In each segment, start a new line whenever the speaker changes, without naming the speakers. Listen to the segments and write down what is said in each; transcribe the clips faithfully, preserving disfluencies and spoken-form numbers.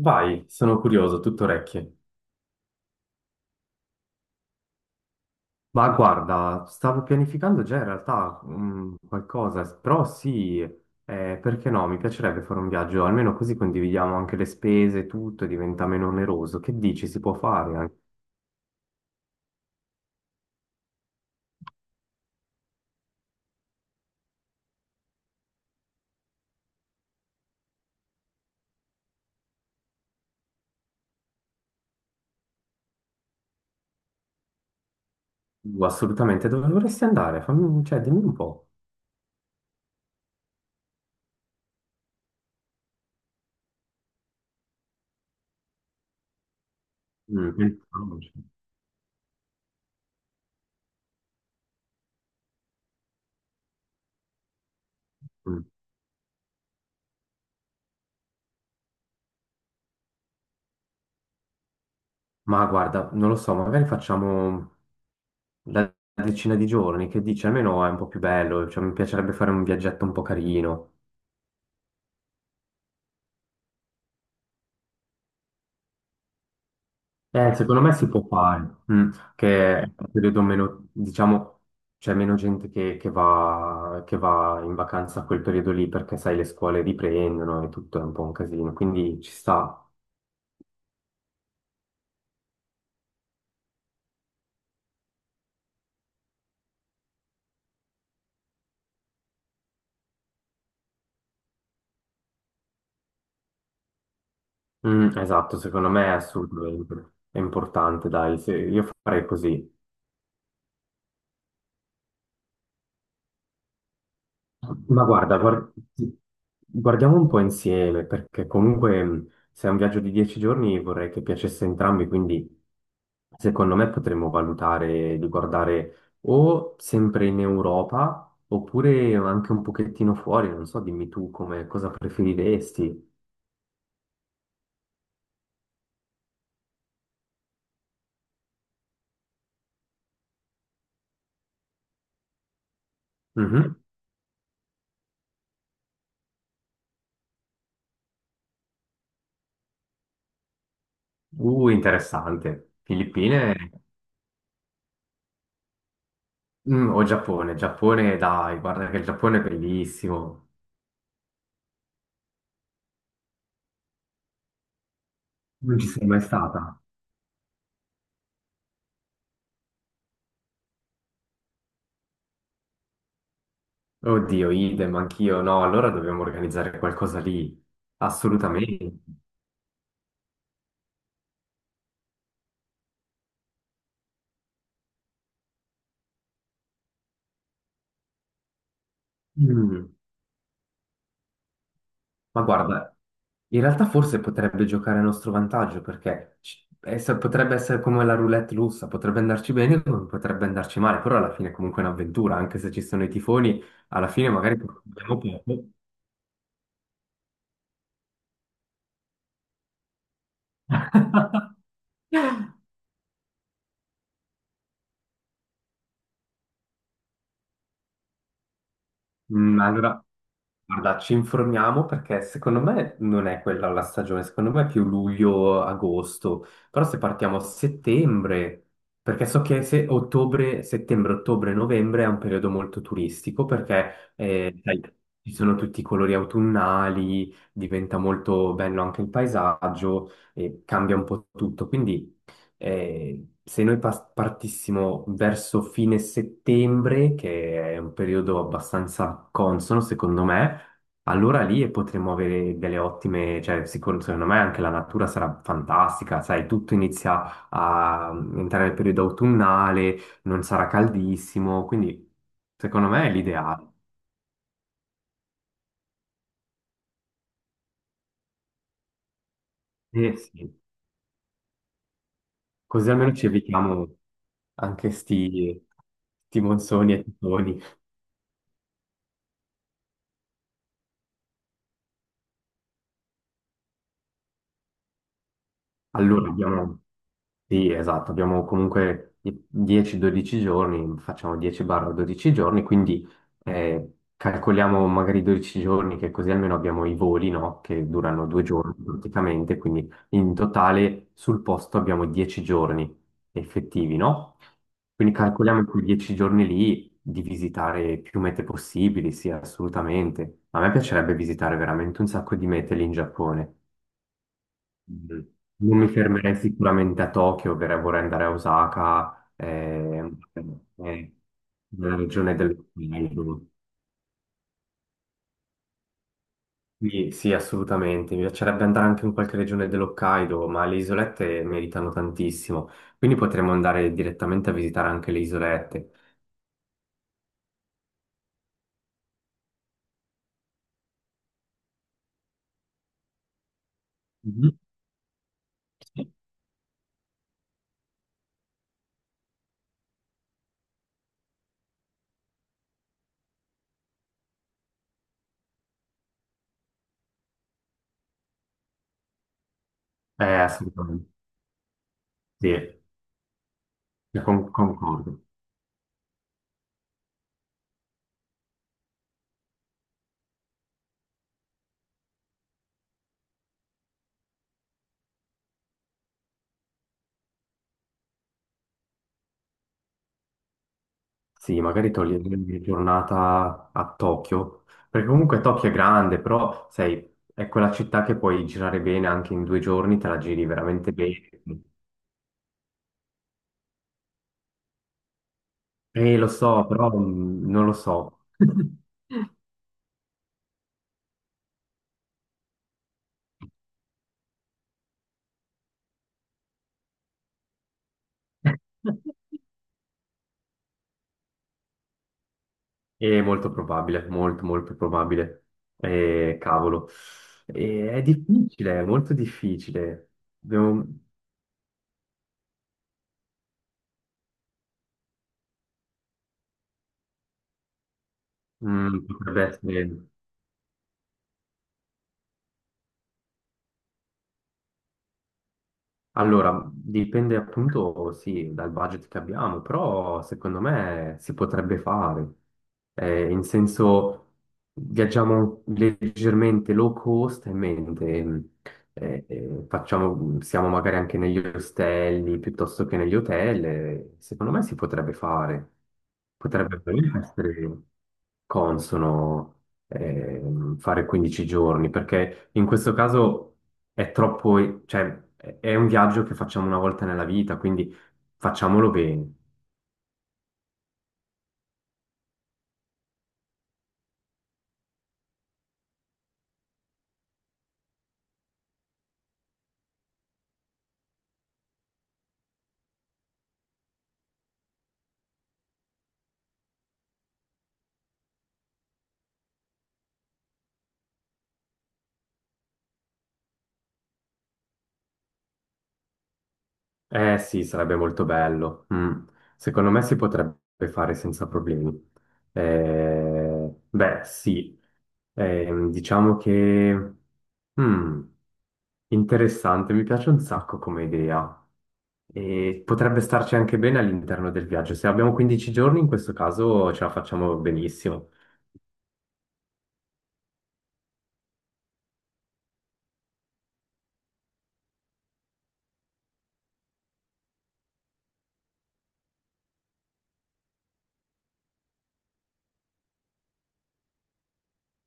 Vai, sono curioso, tutto orecchie. Ma guarda, stavo pianificando già in realtà mm, qualcosa, però sì, eh, perché no? Mi piacerebbe fare un viaggio, almeno così condividiamo anche le spese, tutto, e diventa meno oneroso. Che dici, si può fare anche? Uh, Assolutamente, dove vorresti andare? Fammi, cioè, dimmi un po'. Mm, mm. Ma guarda, non lo so, magari facciamo la decina di giorni, che dici, almeno è un po' più bello, cioè, mi piacerebbe fare un viaggetto un po' carino. Eh, secondo me si può fare, mm, che è un periodo meno, diciamo, c'è meno gente che, che va, che va in vacanza a quel periodo lì perché, sai, le scuole riprendono e tutto è un po' un casino, quindi ci sta. Mm, esatto, secondo me è assolutamente è importante, dai, se- io farei così. Ma guarda, guar- guardiamo un po' insieme, perché comunque mh, se è un viaggio di dieci giorni vorrei che piacesse a entrambi, quindi secondo me potremmo valutare di guardare o sempre in Europa oppure anche un pochettino fuori, non so, dimmi tu come, cosa preferiresti. Mhm. Uh, interessante. Filippine. Mm, o Giappone, Giappone, dai, guarda che il Giappone è bellissimo. Non ci sei mai stata? Oddio, idem, anch'io. No, allora dobbiamo organizzare qualcosa lì. Assolutamente. Mm. Ma guarda, in realtà forse potrebbe giocare a nostro vantaggio perché ci- essa- potrebbe essere come la roulette russa, potrebbe andarci bene come potrebbe andarci male, però alla fine è comunque un'avventura, anche se ci sono i tifoni, alla fine magari abbiamo poco. Mm, allora. Guarda, ci informiamo perché secondo me non è quella la stagione, secondo me è più luglio-agosto, però se partiamo a settembre, perché so che se ottobre, settembre, ottobre, novembre è un periodo molto turistico perché eh, sai, ci sono tutti i colori autunnali, diventa molto bello anche il paesaggio e cambia un po' tutto, quindi eh, se noi pas- partissimo verso fine settembre, che è un periodo abbastanza consono, secondo me, allora lì potremmo avere delle ottime, cioè sicuro, secondo me anche la natura sarà fantastica, sai, tutto inizia a entrare nel periodo autunnale, non sarà caldissimo, quindi secondo me è l'ideale. Eh sì, così almeno ci evitiamo anche sti, sti monsoni e tifoni. Allora, abbiamo, sì, esatto, abbiamo comunque i- dieci dodici giorni, facciamo dieci dodici giorni, quindi eh, calcoliamo magari dodici giorni, che così almeno abbiamo i voli, no? Che durano due giorni praticamente, quindi in totale sul posto abbiamo dieci giorni effettivi, no? Quindi calcoliamo quei dieci giorni lì di visitare più mete possibili, sì, assolutamente. A me piacerebbe visitare veramente un sacco di mete lì in Giappone. Mm. Non mi fermerei sicuramente a Tokyo, per- vorrei andare a Osaka, eh, eh, nella regione dell'Hokkaido. Sì, sì, assolutamente. Mi piacerebbe andare anche in qualche regione dell'Hokkaido, ma le isolette meritano tantissimo. Quindi potremmo andare direttamente a visitare anche le isolette. Mhm. Eh, assolutamente. Sì, sì, con- concordo. Sì, magari togliere una giornata a Tokyo, perché comunque Tokyo è grande, però sai, è quella città che puoi girare bene anche in due giorni, te la giri veramente bene. Eh, lo so, però mm, non lo so. È molto probabile, molto, molto probabile. Eh, cavolo. Eh, è difficile, è molto difficile. Devo- mm, potrebbe essere. Allora, dipende appunto, sì, dal budget che abbiamo, però secondo me si potrebbe fare. Eh, in senso, viaggiamo leggermente low cost e mente, eh, eh, facciamo, siamo magari anche negli ostelli piuttosto che negli hotel. eh, Secondo me si potrebbe fare. Potrebbe veramente essere consono ehm, fare quindici giorni, perché in questo caso è troppo, cioè, è è un viaggio che facciamo una volta nella vita, quindi facciamolo bene. Eh sì, sarebbe molto bello. Mm. Secondo me si potrebbe fare senza problemi. Eh, beh, sì, Ehm, diciamo che. mm, Interessante, mi piace un sacco come idea. E potrebbe starci anche bene all'interno del viaggio. Se abbiamo quindici giorni, in questo caso ce la facciamo benissimo.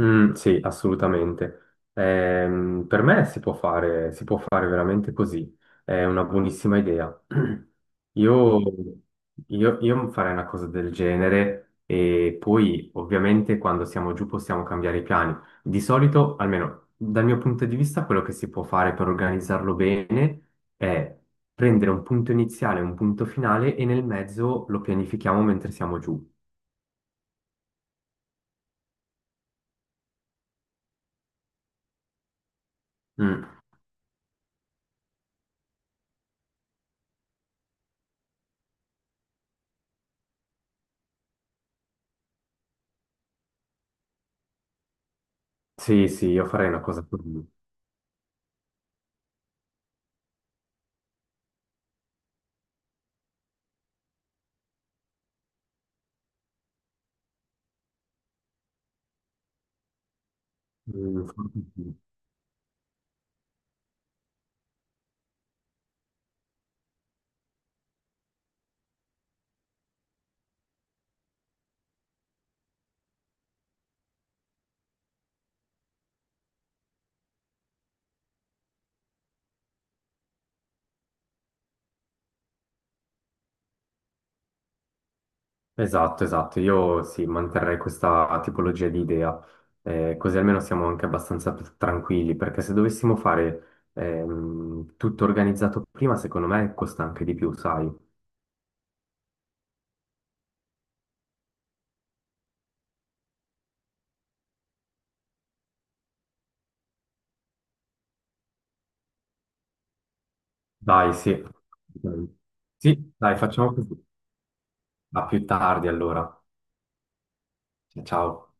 Mm, sì, assolutamente. Ehm, per me si può fare, si può fare veramente così. È una buonissima idea. Io, io, io farei una cosa del genere e poi ovviamente quando siamo giù possiamo cambiare i piani. Di solito, almeno dal mio punto di vista, quello che si può fare per organizzarlo bene è prendere un punto iniziale, un punto finale e nel mezzo lo pianifichiamo mentre siamo giù. Mm, sì, sì, io farei una cosa così. Mm, fortissimo. Esatto, esatto. Io sì, manterrei questa tipologia di idea, Eh, così almeno siamo anche abbastanza p- tranquilli, perché se dovessimo fare ehm, tutto organizzato prima, secondo me costa anche di più, sai. Dai, sì. Sì, dai, facciamo così. A più tardi allora. Ciao.